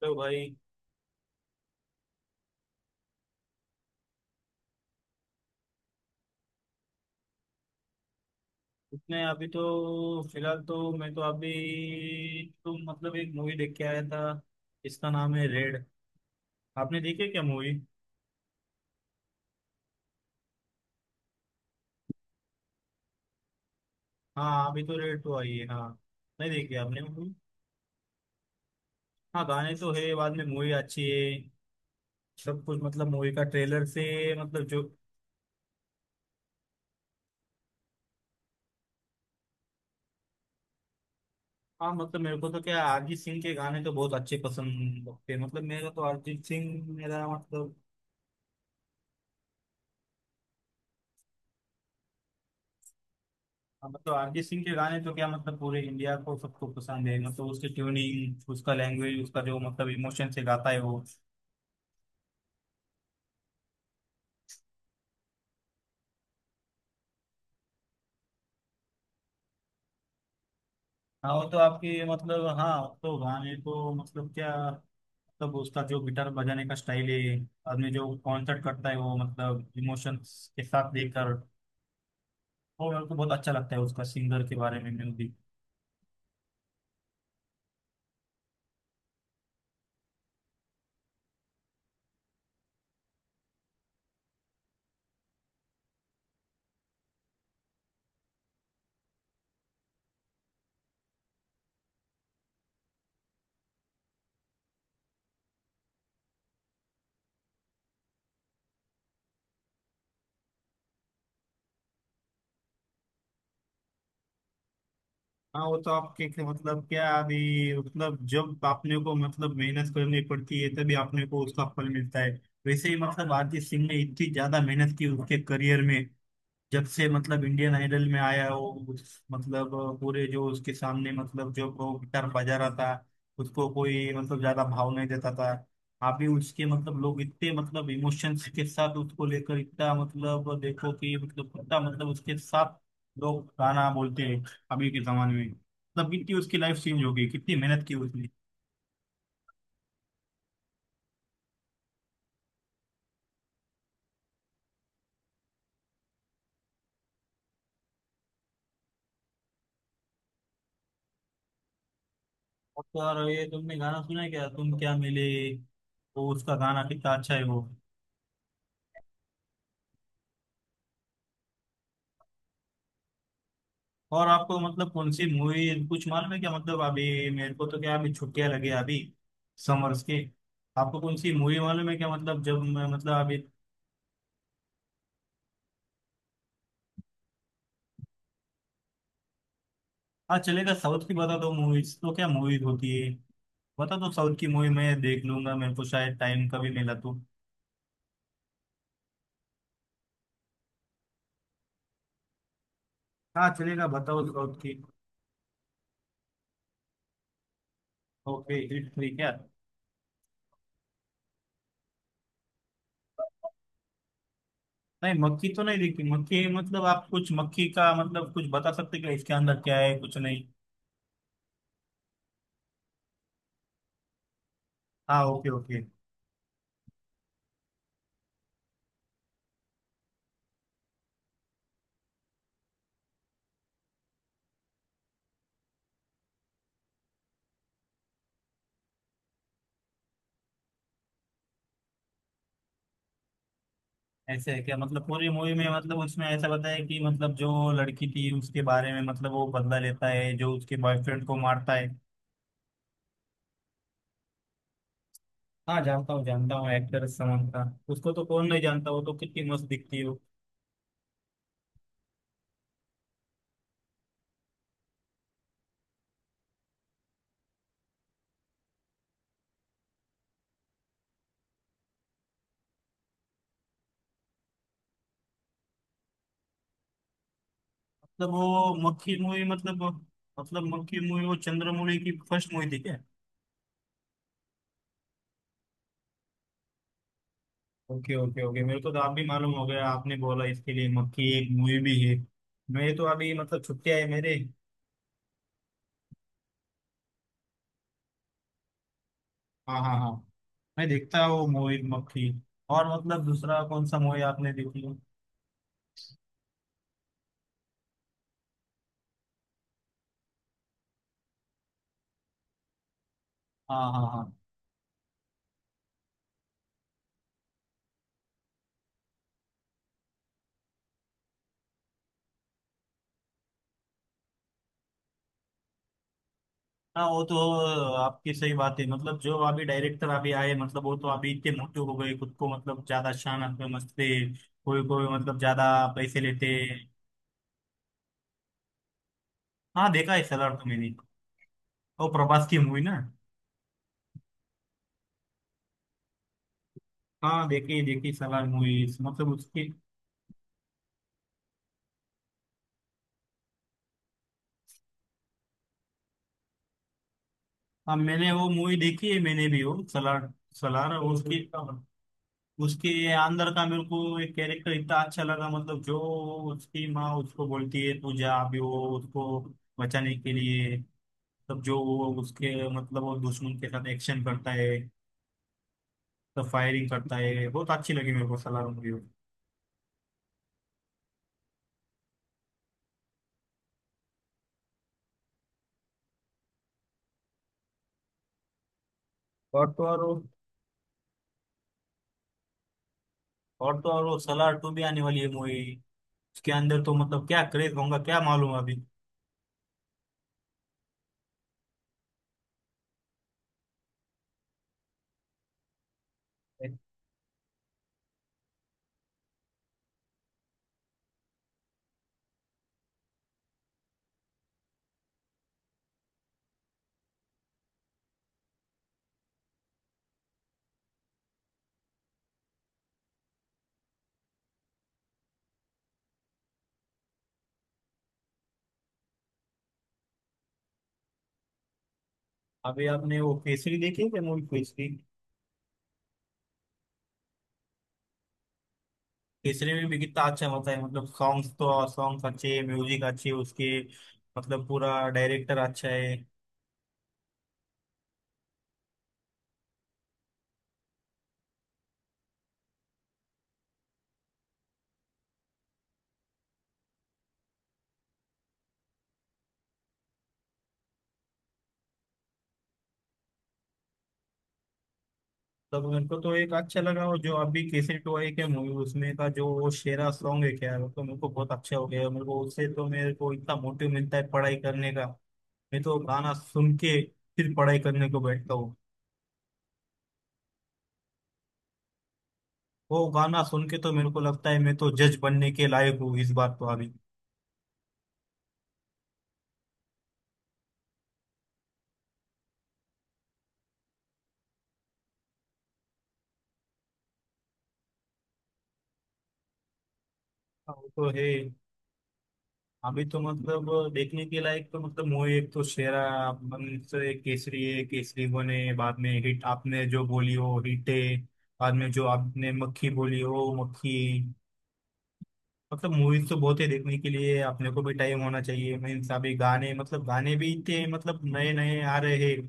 तो भाई उसने अभी तो फिलहाल तो मैं तो अभी तो मतलब एक मूवी देख के आया था। इसका नाम है रेड। आपने देखी है क्या मूवी? हाँ अभी तो रेड तो आई है, हाँ। नहीं देखी आपने मूवी? हाँ, गाने तो है, बाद में मूवी अच्छी है। सब कुछ मतलब मूवी का ट्रेलर से। मतलब जो। हाँ मतलब मेरे को तो क्या अरिजीत सिंह के गाने तो बहुत अच्छे पसंद लगते हैं, मतलब मेरा तो अरिजीत सिंह मेरा मतलब। हाँ, तो अरिजीत सिंह के गाने तो क्या मतलब पूरे इंडिया को सबको पसंद है, मतलब उसकी ट्यूनिंग उसका लैंग्वेज उसका जो मतलब इमोशन से गाता है वो। हाँ वो तो आपकी मतलब हाँ तो गाने को मतलब क्या मतलब उसका जो गिटार बजाने का स्टाइल है। आदमी जो कॉन्सर्ट करता है वो मतलब इमोशंस के साथ देकर। वो मेरे को बहुत अच्छा लगता है उसका सिंगर के बारे में म्यूजिक। हाँ वो तो आपके मतलब क्या अभी। मतलब जब आपने को मतलब मेहनत करनी पड़ती है तभी आपने को उसका फल मिलता है। वैसे ही मतलब आरती सिंह ने इतनी ज्यादा मेहनत की उसके करियर में। जब से मतलब इंडियन आइडल में आया हो। उस मतलब। पूरे जो उसके सामने मतलब जो वो गिटार बजा रहा था। उसको कोई मतलब ज्यादा भाव नहीं देता था। अभी उसके मतलब लोग इतने मतलब इमोशंस के साथ उसको लेकर इतना मतलब देखो कि मतलब कितना मतलब उसके साथ लोग गाना बोलते हैं। अभी के जमाने में मतलब कितनी उसकी लाइफ चेंज हो गई, कितनी मेहनत की उसने। और तो और ये तुमने गाना सुना है क्या तुम क्या मिले। वो उसका गाना कितना अच्छा है वो। और आपको मतलब कौन सी मूवी कुछ मालूम है क्या, मतलब अभी मेरे को तो क्या अभी छुट्टियां लगी हैं अभी समर्स की। आपको कौन सी मूवी मालूम है क्या मतलब जब मैं मतलब अभी। हाँ चलेगा, साउथ की बता दो, मूवीज तो क्या मूवीज होती है। बता दो साउथ की मूवी, मैं देख लूंगा मेरे को शायद टाइम कभी मिला तो। हाँ चलेगा बताओ साउथ की। ओके, हिट थ्री क्या? नहीं मक्खी तो नहीं देखी, मक्खी मतलब आप कुछ मक्खी का मतलब कुछ बता सकते क्या इसके अंदर क्या है कुछ नहीं। हाँ ओके ओके। ऐसे है क्या मतलब पूरी मूवी में मतलब उसमें ऐसा बताया कि मतलब जो लड़की थी उसके बारे में मतलब वो बदला लेता है जो उसके बॉयफ्रेंड को मारता है। हाँ जानता हूँ, जानता हूँ, एक्टर समंता। उसको तो कौन नहीं जानता, वो तो कितनी मस्त दिखती है वो। मतलब वो मक्खी मूवी मतलब। मतलब मक्खी मूवी वो चंद्रमुखी की फर्स्ट मूवी थी क्या? ओके ओके ओके, मेरे को तो आप भी मालूम हो गया, आपने बोला इसके लिए मक्खी एक मूवी भी है। मैं तो अभी मतलब छुट्टियां है मेरे। हाँ हाँ हाँ। मैं देखता हूँ मूवी मक्खी। और मतलब दूसरा कौन सा मूवी आपने देखी है? हाँ हाँ हाँ। हाँ वो तो आपकी सही बात है, मतलब जो अभी डायरेक्टर अभी आए मतलब वो तो अभी इतने मोटे हो गए खुद को, मतलब ज्यादा शान आप समझते। कोई कोई मतलब ज्यादा पैसे लेते। हाँ देखा है सलार तो मैंने, वो प्रभास की मूवी ना। हाँ देखी देखी सलार मूवी, मतलब उसकी। हाँ मैंने वो मूवी देखी है मैंने भी वो सलार। सलार उसकी। उसके अंदर का मेरे को एक कैरेक्टर इतना अच्छा लगा, मतलब जो उसकी माँ उसको बोलती है तू जा अभी, वो उसको बचाने के लिए तब जो वो उसके मतलब वो दुश्मन के साथ एक्शन करता है, तब फायरिंग करता है, बहुत अच्छी लगी मेरे को सलार मूवी। और तो और वो- और तो और वो सलार टू भी आने वाली है मूवी, उसके अंदर तो मतलब क्या क्रेज होगा क्या मालूम अभी। अभी आपने वो केसरी देखी है मूवी केसरी? केसरी में भी कितना अच्छा होता है मतलब सॉन्ग्स तो और सॉन्ग्स अच्छे म्यूजिक अच्छे उसके। मतलब पूरा डायरेक्टर अच्छा है। मतलब मेरे को तो एक अच्छा लगा, वो जो अभी केसरी टू आई के मूवी उसमें का जो वो शेरा सॉन्ग है क्या, वो तो मेरे को बहुत अच्छा हो गया, मेरे को उससे तो मेरे को इतना मोटिव मिलता है पढ़ाई करने का। मैं तो गाना सुन के फिर पढ़ाई करने को बैठता हूँ। वो गाना सुन के तो मेरे को लगता है मैं तो जज बनने के लायक हूँ इस बात, तो अभी। हाँ, वो तो है। अभी तो मतलब देखने के लायक तो मतलब मूवी एक तो शेरा अपन से केसरी है, केसरी बने बाद में हिट आपने जो बोली हो हिट है, बाद में जो आपने मक्खी बोली हो मक्खी। मतलब मूवीज तो बहुत है देखने के लिए, अपने को भी टाइम होना चाहिए, मीन्स अभी गाने मतलब गाने भी इतने मतलब नए नए आ रहे हैं वो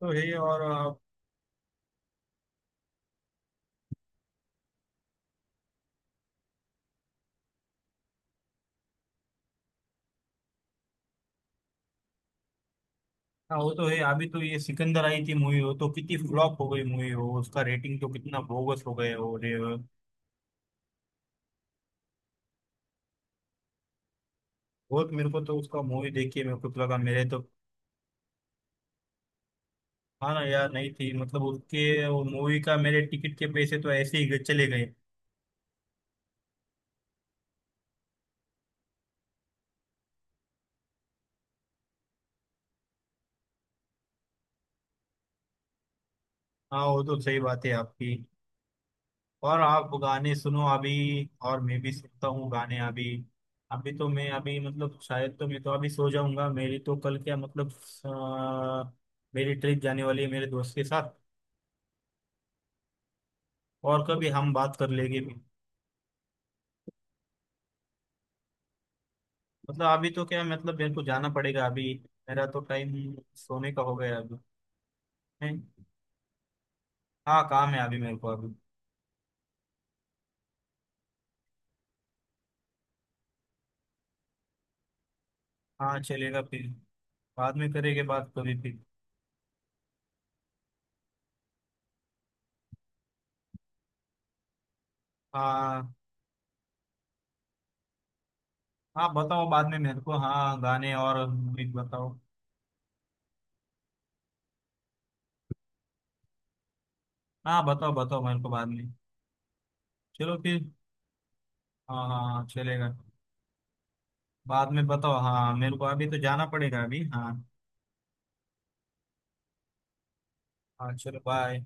तो है। और वो तो है। अभी तो ये सिकंदर आई थी मूवी हो, तो कितनी फ्लॉप हो गई मूवी हो, उसका रेटिंग तो कितना बोगस हो गए हो बहुत मेरे को तो उसका मूवी देख के मेरे को तो लगा मेरे तो। हाँ ना यार नहीं थी, मतलब उसके वो मूवी का मेरे टिकट के पैसे तो ऐसे ही चले गए। हाँ वो तो सही बात है आपकी। और आप गाने सुनो अभी, और मैं भी सुनता हूँ गाने अभी। अभी तो मैं अभी मतलब शायद तो मैं तो अभी सो जाऊंगा, मेरी तो कल क्या मतलब। अ, मेरी ट्रिप जाने वाली है मेरे दोस्त के साथ, और कभी हम बात कर लेंगे भी। मतलब अभी तो क्या मतलब मेरे को जाना पड़ेगा अभी, मेरा तो टाइम सोने का हो गया अभी। हैं? हाँ काम है अभी मेरे को अभी। हाँ चलेगा फिर, बाद में करेंगे बात कभी फिर। हाँ। हाँ बताओ बाद में मेरे को, हाँ गाने और म्यूजिक बताओ। हाँ बताओ बताओ मेरे को बाद में। चलो फिर। हाँ हाँ हाँ, चलेगा। बाद में बताओ हाँ मेरे को, अभी तो जाना पड़ेगा अभी हाँ। हाँ चलो बाय।